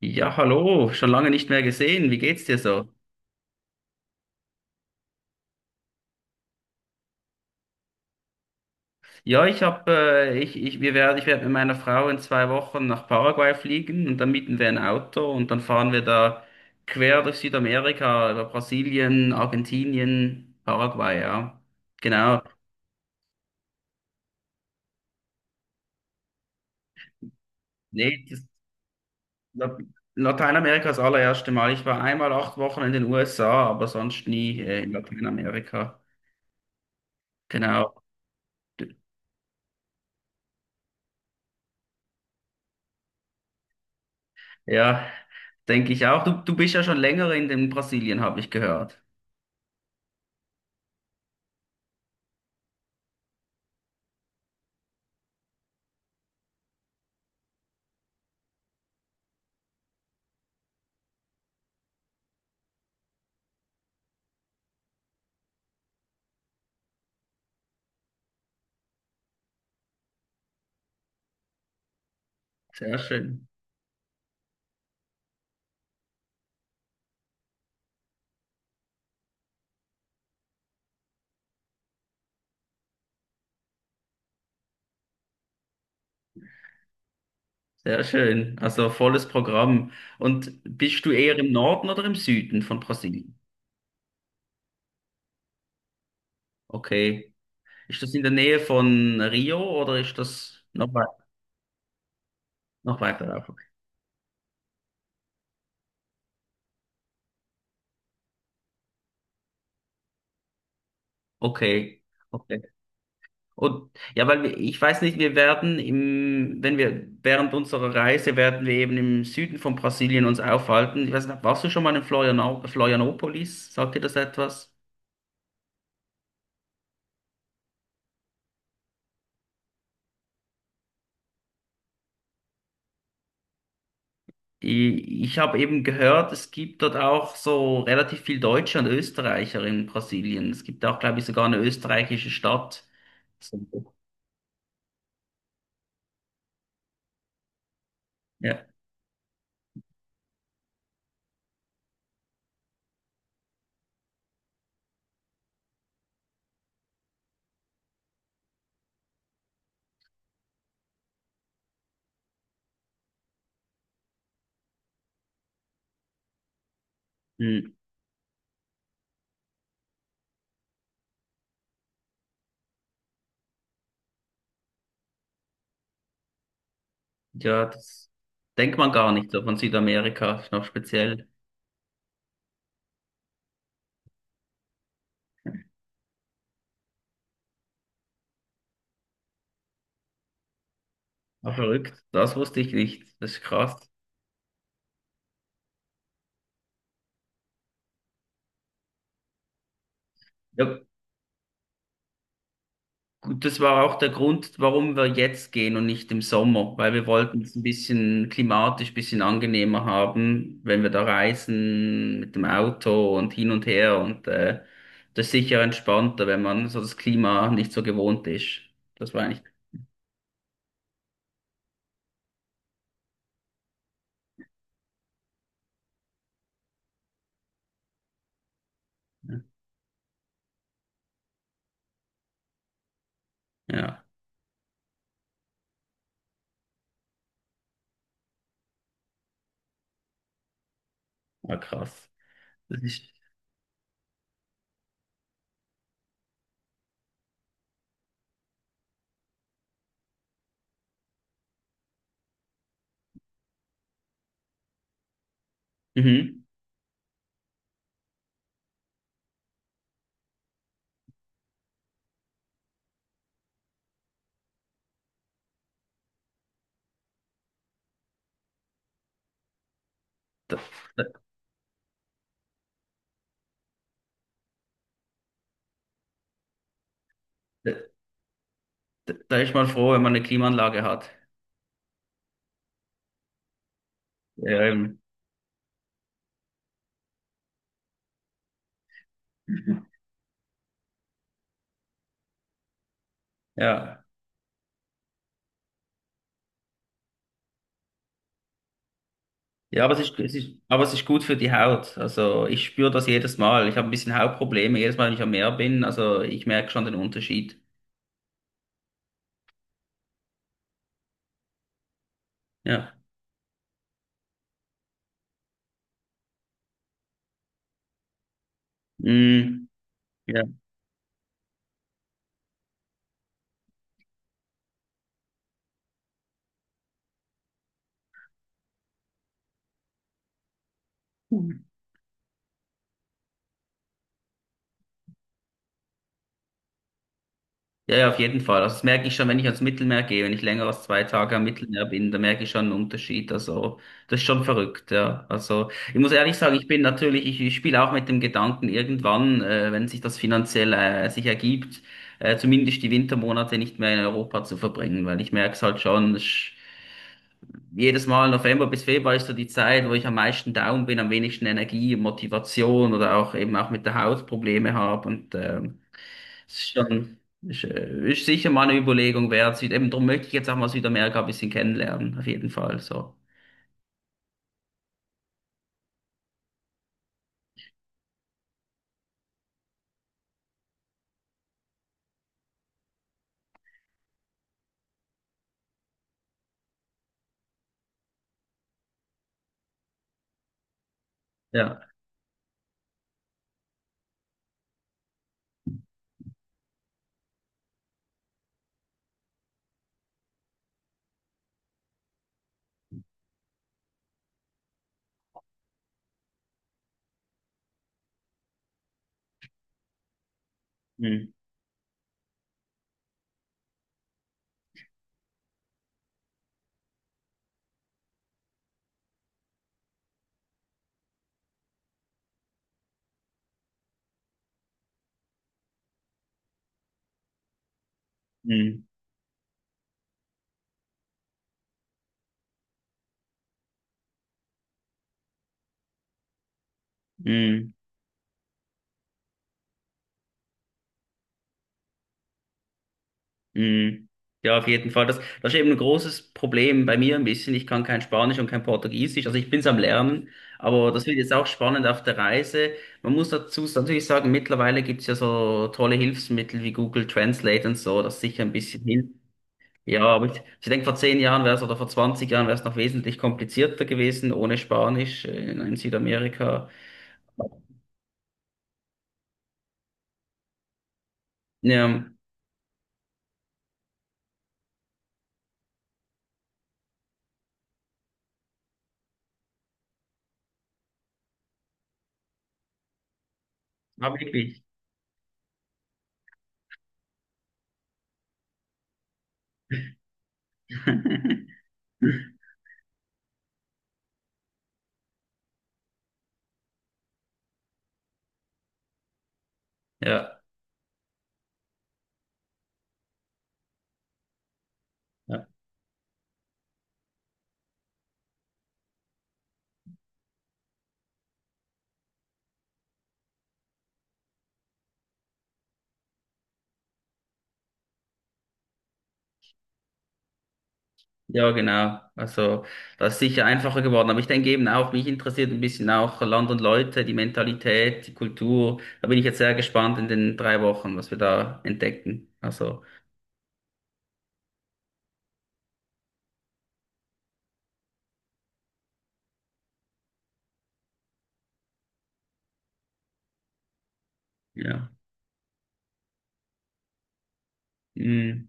Ja, hallo, schon lange nicht mehr gesehen. Wie geht's dir so? Ja, ich habe, ich, ich, wir werden, ich werde mit meiner Frau in 2 Wochen nach Paraguay fliegen und dann mieten wir ein Auto und dann fahren wir da quer durch Südamerika, über Brasilien, Argentinien, Paraguay, ja. Genau. Nee, La- Lateinamerika ist das allererste Mal. Ich war einmal 8 Wochen in den USA, aber sonst nie, in Lateinamerika. Genau. Ja, denke ich auch. Du bist ja schon länger in den Brasilien, habe ich gehört. Sehr schön, sehr schön. Also volles Programm. Und bist du eher im Norden oder im Süden von Brasilien? Okay. Ist das in der Nähe von Rio oder ist das noch weit, noch weiter rauf? Okay, okay. Und ja, ich weiß nicht, wenn wir während unserer Reise werden wir eben im Süden von Brasilien uns aufhalten. Ich weiß nicht, warst du schon mal in Florianopolis? Sagt dir das etwas? Ich habe eben gehört, es gibt dort auch so relativ viel Deutsche und Österreicher in Brasilien. Es gibt auch, glaube ich, sogar eine österreichische Stadt. So. Ja, hm. Ja, das denkt man gar nicht so von Südamerika. Ist noch speziell. Aber verrückt. Das wusste ich nicht. Das ist krass. Ja, und das war auch der Grund, warum wir jetzt gehen und nicht im Sommer, weil wir wollten es ein bisschen klimatisch, ein bisschen angenehmer haben, wenn wir da reisen mit dem Auto und hin und her. Und das ist sicher entspannter, wenn man so das Klima nicht so gewohnt ist. Das war eigentlich, ja, war krass. Das ist, mhm. Da, da, da ist man froh, wenn man eine Klimaanlage hat. Ähm, ja. Ja, aber es ist gut für die Haut. Also ich spüre das jedes Mal. Ich habe ein bisschen Hautprobleme jedes Mal, wenn ich am Meer bin. Also ich merke schon den Unterschied. Ja. Mm, ja. Mhm. Ja, ja, auf jeden Fall. Also das merke ich schon, wenn ich ans Mittelmeer gehe, wenn ich länger als 2 Tage am Mittelmeer bin, da merke ich schon einen Unterschied. Also das ist schon verrückt, ja. Also ich muss ehrlich sagen, ich spiele auch mit dem Gedanken, irgendwann, wenn sich das finanziell sich ergibt, zumindest die Wintermonate nicht mehr in Europa zu verbringen, weil ich merke es halt schon. Jedes Mal November bis Februar ist so die Zeit, wo ich am meisten down bin, am wenigsten Energie, Motivation oder auch eben auch mit der Haut Probleme habe. Und es ist schon ist, ist sicher mal eine Überlegung wert. Eben darum möchte ich jetzt auch mal Südamerika ein bisschen kennenlernen, auf jeden Fall. So. Ja. Mm, mm, mm. Mhm. Ja, auf jeden Fall. Das ist eben ein großes Problem bei mir ein bisschen. Ich kann kein Spanisch und kein Portugiesisch. Also ich bin's am Lernen, aber das wird jetzt auch spannend auf der Reise. Man muss dazu natürlich sagen, mittlerweile gibt's ja so tolle Hilfsmittel wie Google Translate und so, das sicher ein bisschen hilft. Ja, aber ich denke, vor 10 Jahren wäre es oder vor 20 Jahren wäre es noch wesentlich komplizierter gewesen ohne Spanisch in Südamerika. Ja, aber wirklich. Ja. Ja, genau. Also das ist sicher einfacher geworden. Aber ich denke eben auch, mich interessiert ein bisschen auch Land und Leute, die Mentalität, die Kultur. Da bin ich jetzt sehr gespannt in den 3 Wochen, was wir da entdecken. Also, ja. Mm,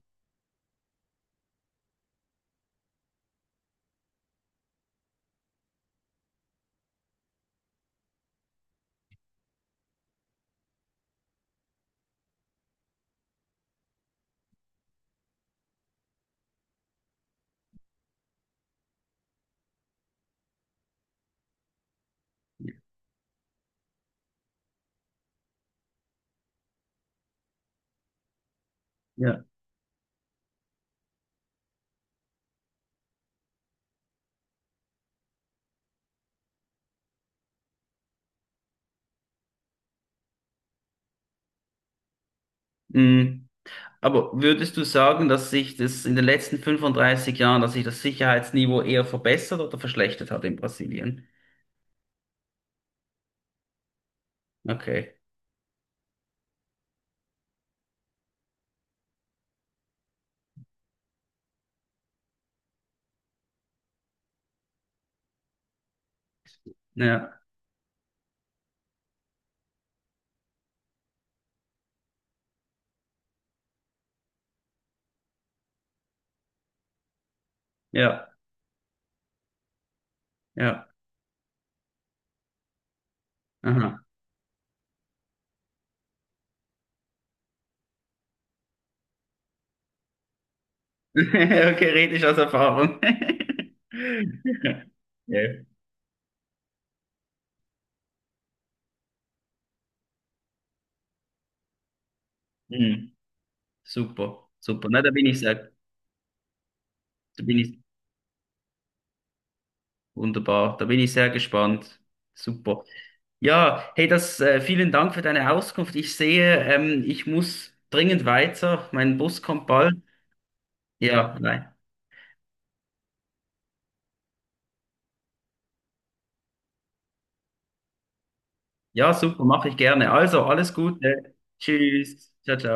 ja. Mm. Aber würdest du sagen, dass sich das in den letzten 35 Jahren, dass sich das Sicherheitsniveau eher verbessert oder verschlechtert hat in Brasilien? Okay. Ja, ja, ja. Aha. Okay, rede ich aus Erfahrung. Ja. Mhm. Super, super. Na, da bin ich wunderbar, da bin ich sehr gespannt. Super. Ja, hey, vielen Dank für deine Auskunft. Ich sehe, ich muss dringend weiter. Mein Bus kommt bald. Ja, nein. Ja, super, mache ich gerne. Also, alles Gute. Tschüss. Ciao, ciao.